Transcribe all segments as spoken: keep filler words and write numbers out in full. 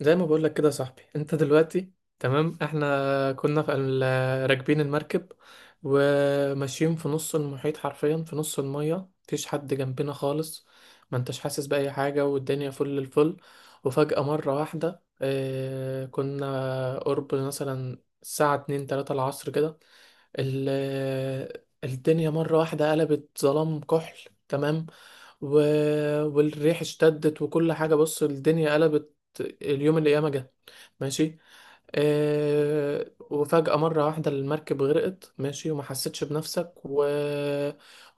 زي ما بقول لك كده يا صاحبي، انت دلوقتي تمام. احنا كنا في ال- راكبين المركب وماشيين في نص المحيط، حرفيا في نص المية مفيش حد جنبنا خالص. ما انتش حاسس بأي حاجة، والدنيا فل الفل. وفجأة مرة واحدة، اه كنا قرب مثلا الساعة اتنين تلاتة العصر كده. ال- الدنيا مرة واحدة قلبت ظلام كحل، تمام. و... والريح اشتدت وكل حاجة، بص الدنيا قلبت، اليوم اللي ياما جه، ماشي. آه، وفجأة مرة واحدة المركب غرقت، ماشي، وما حسيتش بنفسك. و...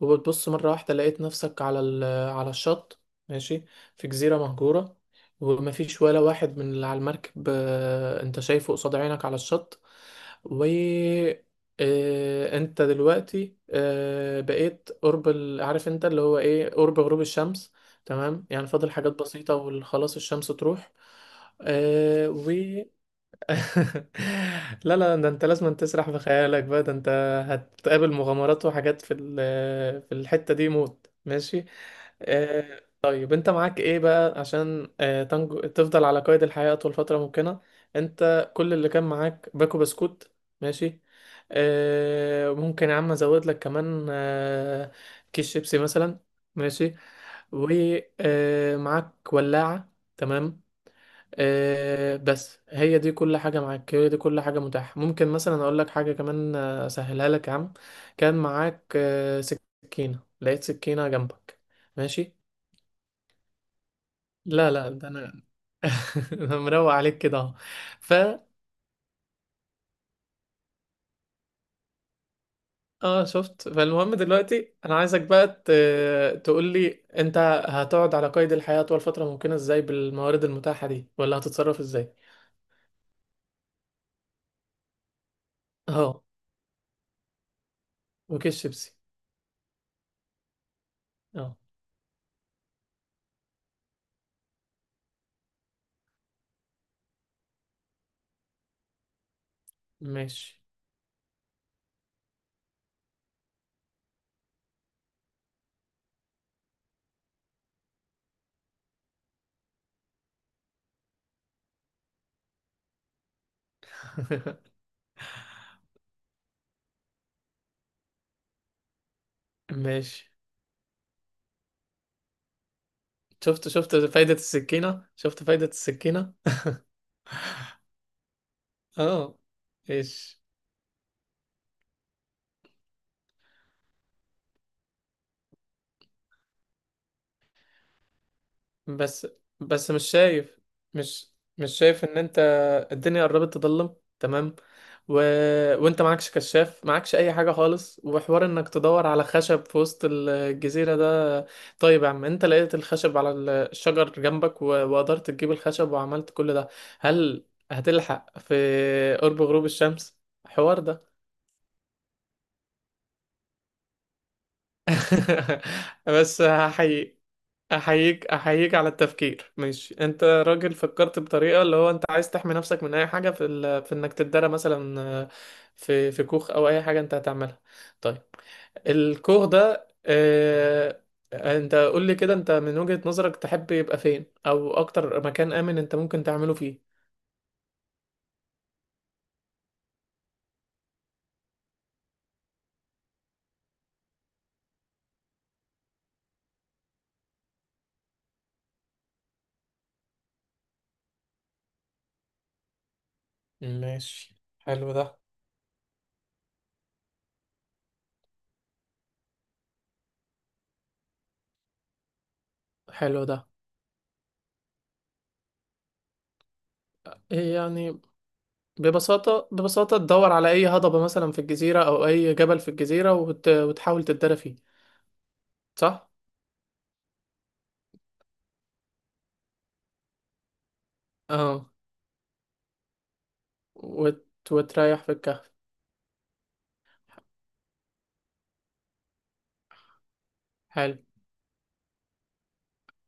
وبتبص مرة واحدة لقيت نفسك على ال... على الشط، ماشي، في جزيرة مهجورة. ومفيش ولا واحد من اللي على المركب، آه، انت شايفه قصاد عينك على الشط. و آه، انت دلوقتي، آه، بقيت قرب ال... عارف انت اللي هو ايه، قرب غروب الشمس، تمام. يعني فاضل حاجات بسيطة وخلاص الشمس تروح آه، لا لا، ده انت لازم تسرح في خيالك بقى، ده انت هتقابل مغامرات وحاجات في ال- في الحتة دي موت، ماشي. آه، طيب انت معاك ايه بقى عشان آه، تنجو، تفضل على قيد الحياة اطول فترة ممكنة. انت كل اللي كان معاك باكو بسكوت، ماشي. آه، ممكن يا عم ازود لك كمان، آه، كيس شيبسي مثلا، ماشي. ومعاك ولاعة، تمام. آه، بس هي دي كل حاجة معاك، هي دي كل حاجة متاحة. ممكن مثلا أقول لك حاجة كمان، آه، أسهلها لك يا عم. كان معاك آه، سكينة، لقيت سكينة جنبك، ماشي. لا لا، ده أنا أنا مروق عليك كده أهو. ف اه، شفت. فالمهم دلوقتي أنا عايزك بقى ت... تقول لي: أنت هتقعد على قيد الحياة طول فترة ممكنة إزاي بالموارد المتاحة دي، ولا هتتصرف إزاي؟ اه، وكيس شيبسي. اه، ماشي. ماشي. شفت شفت فايدة السكينة، شفت فايدة السكينة. اه، ايش. بس بس مش شايف مش مش شايف ان انت الدنيا قربت تضلم، تمام. و... وانت معكش كشاف، معكش اي حاجة خالص، وحوار انك تدور على خشب في وسط الجزيرة ده؟ طيب يا عم، انت لقيت الخشب على الشجر جنبك، و... وقدرت تجيب الخشب وعملت كل ده. هل هتلحق في قرب غروب الشمس حوار ده؟ بس هحييك، احييك، احييك على التفكير، ماشي. انت راجل فكرت بطريقه اللي هو انت عايز تحمي نفسك من اي حاجه، في ال... في انك تتدرى مثلا، آه، في في كوخ او اي حاجه انت هتعملها. طيب الكوخ ده، آه... انت قول لي كده، انت من وجهة نظرك تحب يبقى فين، او اكتر مكان امن انت ممكن تعمله فيه؟ ماشي، حلو ده، حلو ده. إيه يعني؟ ببساطة ببساطة، تدور على أي هضبة مثلا في الجزيرة، أو أي جبل في الجزيرة وت... وتحاول تتدرى فيه. صح؟ اه. وت... وتريح في الكهف، حلو.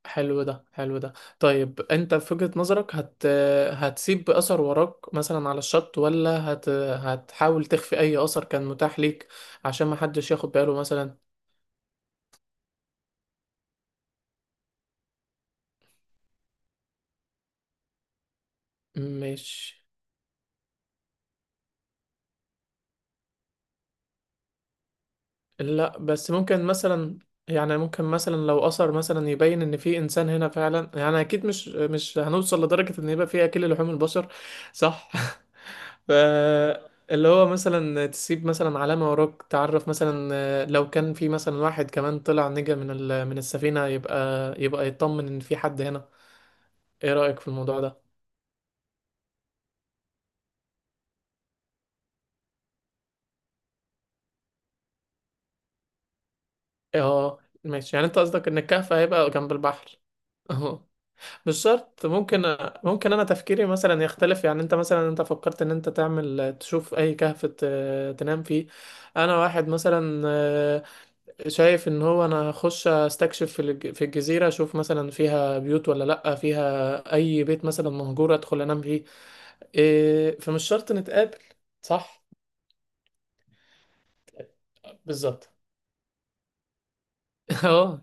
حلو ده، حلو ده. طيب انت في وجهة نظرك هت... هتسيب اثر وراك مثلا على الشط، ولا هت... هتحاول تخفي اي اثر كان متاح ليك عشان ما حدش ياخد باله مثلا؟ مش لا، بس ممكن مثلا، يعني ممكن مثلا لو اثر مثلا يبين ان في انسان هنا فعلا، يعني اكيد مش مش هنوصل لدرجة ان يبقى في اكل لحوم البشر، صح. ف اللي هو مثلا تسيب مثلا علامة وراك، تعرف مثلا، آه، لو كان في مثلا واحد كمان طلع نجا من ال... من السفينة، يبقى يبقى يطمن ان في حد هنا. ايه رأيك في الموضوع ده؟ اه، ماشي. يعني انت قصدك ان الكهف هيبقى جنب البحر. مش شرط، ممكن ممكن انا تفكيري مثلا يختلف. يعني انت مثلا، انت فكرت ان انت تعمل تشوف اي كهف ت- تنام فيه. انا واحد مثلا، آه، شايف ان هو انا هخش استكشف في الج- في الجزيرة، اشوف مثلا فيها بيوت ولا لا، فيها اي بيت مثلا مهجور ادخل انام فيه. إيه، فمش شرط نتقابل، صح. بالظبط. اه.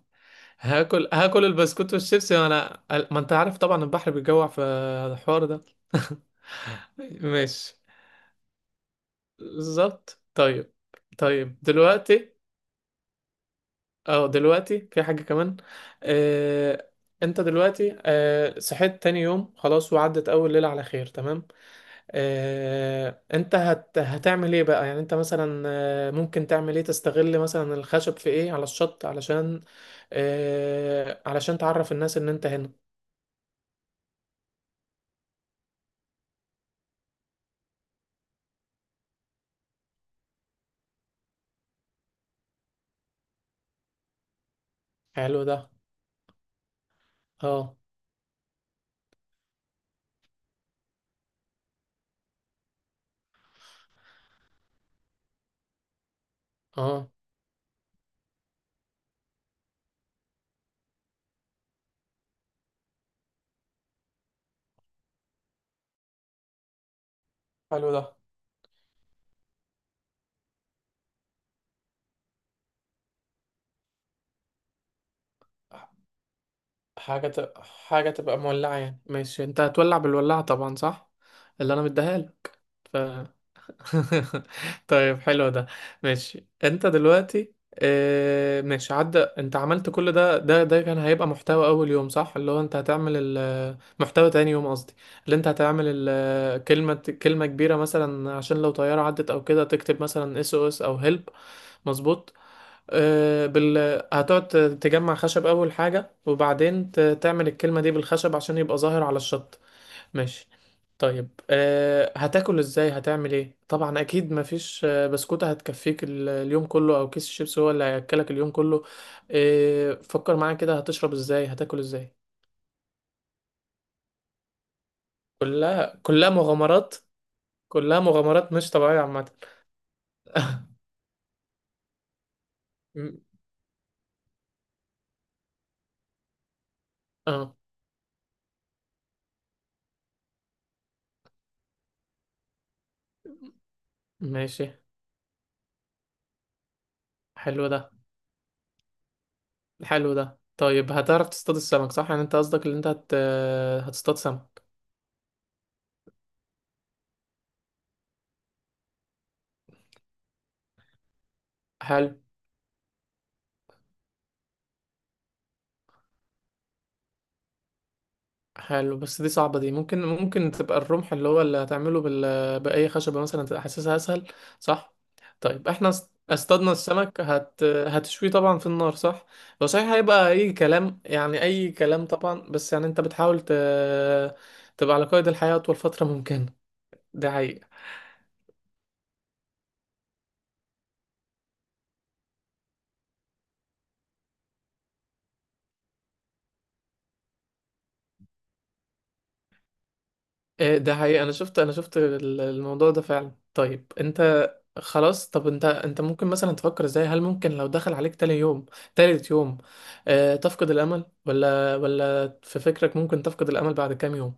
هاكل، هاكل البسكوت والشيبسي وانا، ما انت عارف طبعا البحر بيجوع في الحوار ده. ماشي، بالظبط. طيب، طيب دلوقتي. اه دلوقتي في حاجة كمان، آه، انت دلوقتي، آه، صحيت تاني يوم خلاص وعدت اول ليلة على خير، تمام. آه، انت هت... هتعمل ايه بقى؟ يعني انت مثلا، آه، ممكن تعمل ايه؟ تستغل مثلا الخشب في ايه على الشط علشان، آه، علشان تعرف الناس ان انت هنا. حلو ده. اه، اه، حلو ده. حاجة ت... حاجة تبقى مولعة، يعني ماشي، انت هتولع بالولاعة طبعا، صح. اللي انا مديها لك. ف... طيب، حلو ده، ماشي. انت دلوقتي، اه... ماشي. عدى، انت عملت كل ده ده ده كان هيبقى محتوى اول يوم، صح. اللي هو انت هتعمل ال- محتوى تاني يوم قصدي. اللي انت هتعمل ال- كلمة، كلمة كبيرة مثلا عشان لو طيارة عدت او كده، تكتب مثلا اس او اس او هيلب، مظبوط. آه، بال... هتقعد ت- تجمع خشب أول حاجة، وبعدين ت... تعمل الكلمة دي بالخشب عشان يبقى ظاهر على الشط، ماشي. طيب أه... هتاكل ازاي؟ هتعمل ايه؟ طبعا اكيد مفيش، آه، بسكوتة هتكفيك ال... اليوم كله، او كيس الشيبس هو اللي هياكلك اليوم كله. أه... فكر معايا كده، هتشرب ازاي؟ هتاكل ازاي؟ كلها، كلها مغامرات، كلها مغامرات مش طبيعية عامة. م- اه، ماشي. حلو ده، حلو ده. طيب هتعرف تصطاد السمك، صح؟ يعني انت قصدك ان انت هت... هتصطاد سمك. حلو، حلو. بس دي صعبة، دي ممكن ممكن تبقى الرمح، اللي هو اللي هتعمله بال... بأي خشبة مثلا، تبقى حاسسها أسهل، صح. طيب احنا است- اصطادنا السمك، هت... هتشويه طبعا في النار، صح. هو صحيح هيبقى أي كلام، يعني أي كلام طبعا، بس يعني انت بتحاول ت... تبقى على قيد الحياة أطول فترة ممكنة. ده حقيقي. إيه، ده حقيقي. انا شفت، انا شفت ال- الموضوع ده فعلا. طيب انت، خلاص. طب انت انت ممكن مثلا تفكر ازاي؟ هل ممكن لو دخل عليك تاني يوم، تالت يوم، آه تفقد الامل؟ ولا، ولا في فكرك ممكن تفقد الامل بعد كام يوم؟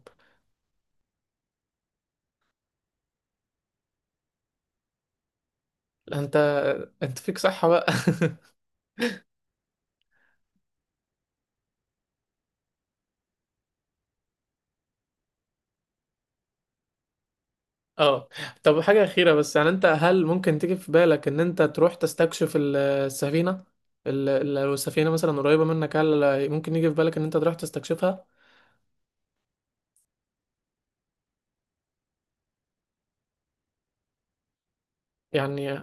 لا، انت انت فيك صحة بقى. اه. طب حاجة أخيرة بس، يعني انت هل ممكن تيجي في بالك ان انت تروح تستكشف ال- السفينة؟ ال- لو السفينة مثلا قريبة منك، هل ممكن يجي في بالك ان انت تروح تستكشفها؟ يعني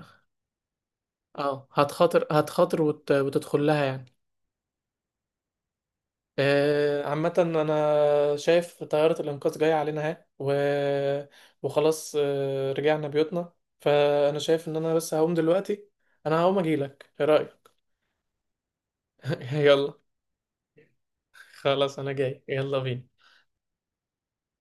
اه، هتخاطر، هتخاطر وت... وتدخل لها يعني. آه، عامة أنا شايف طيارة الإنقاذ جاية علينا أهي، و... وخلاص، آه، رجعنا بيوتنا. فأنا شايف إن أنا بس هقوم دلوقتي. أنا هقوم أجيلك، إيه رأيك؟ يلا، خلاص أنا جاي، يلا بينا.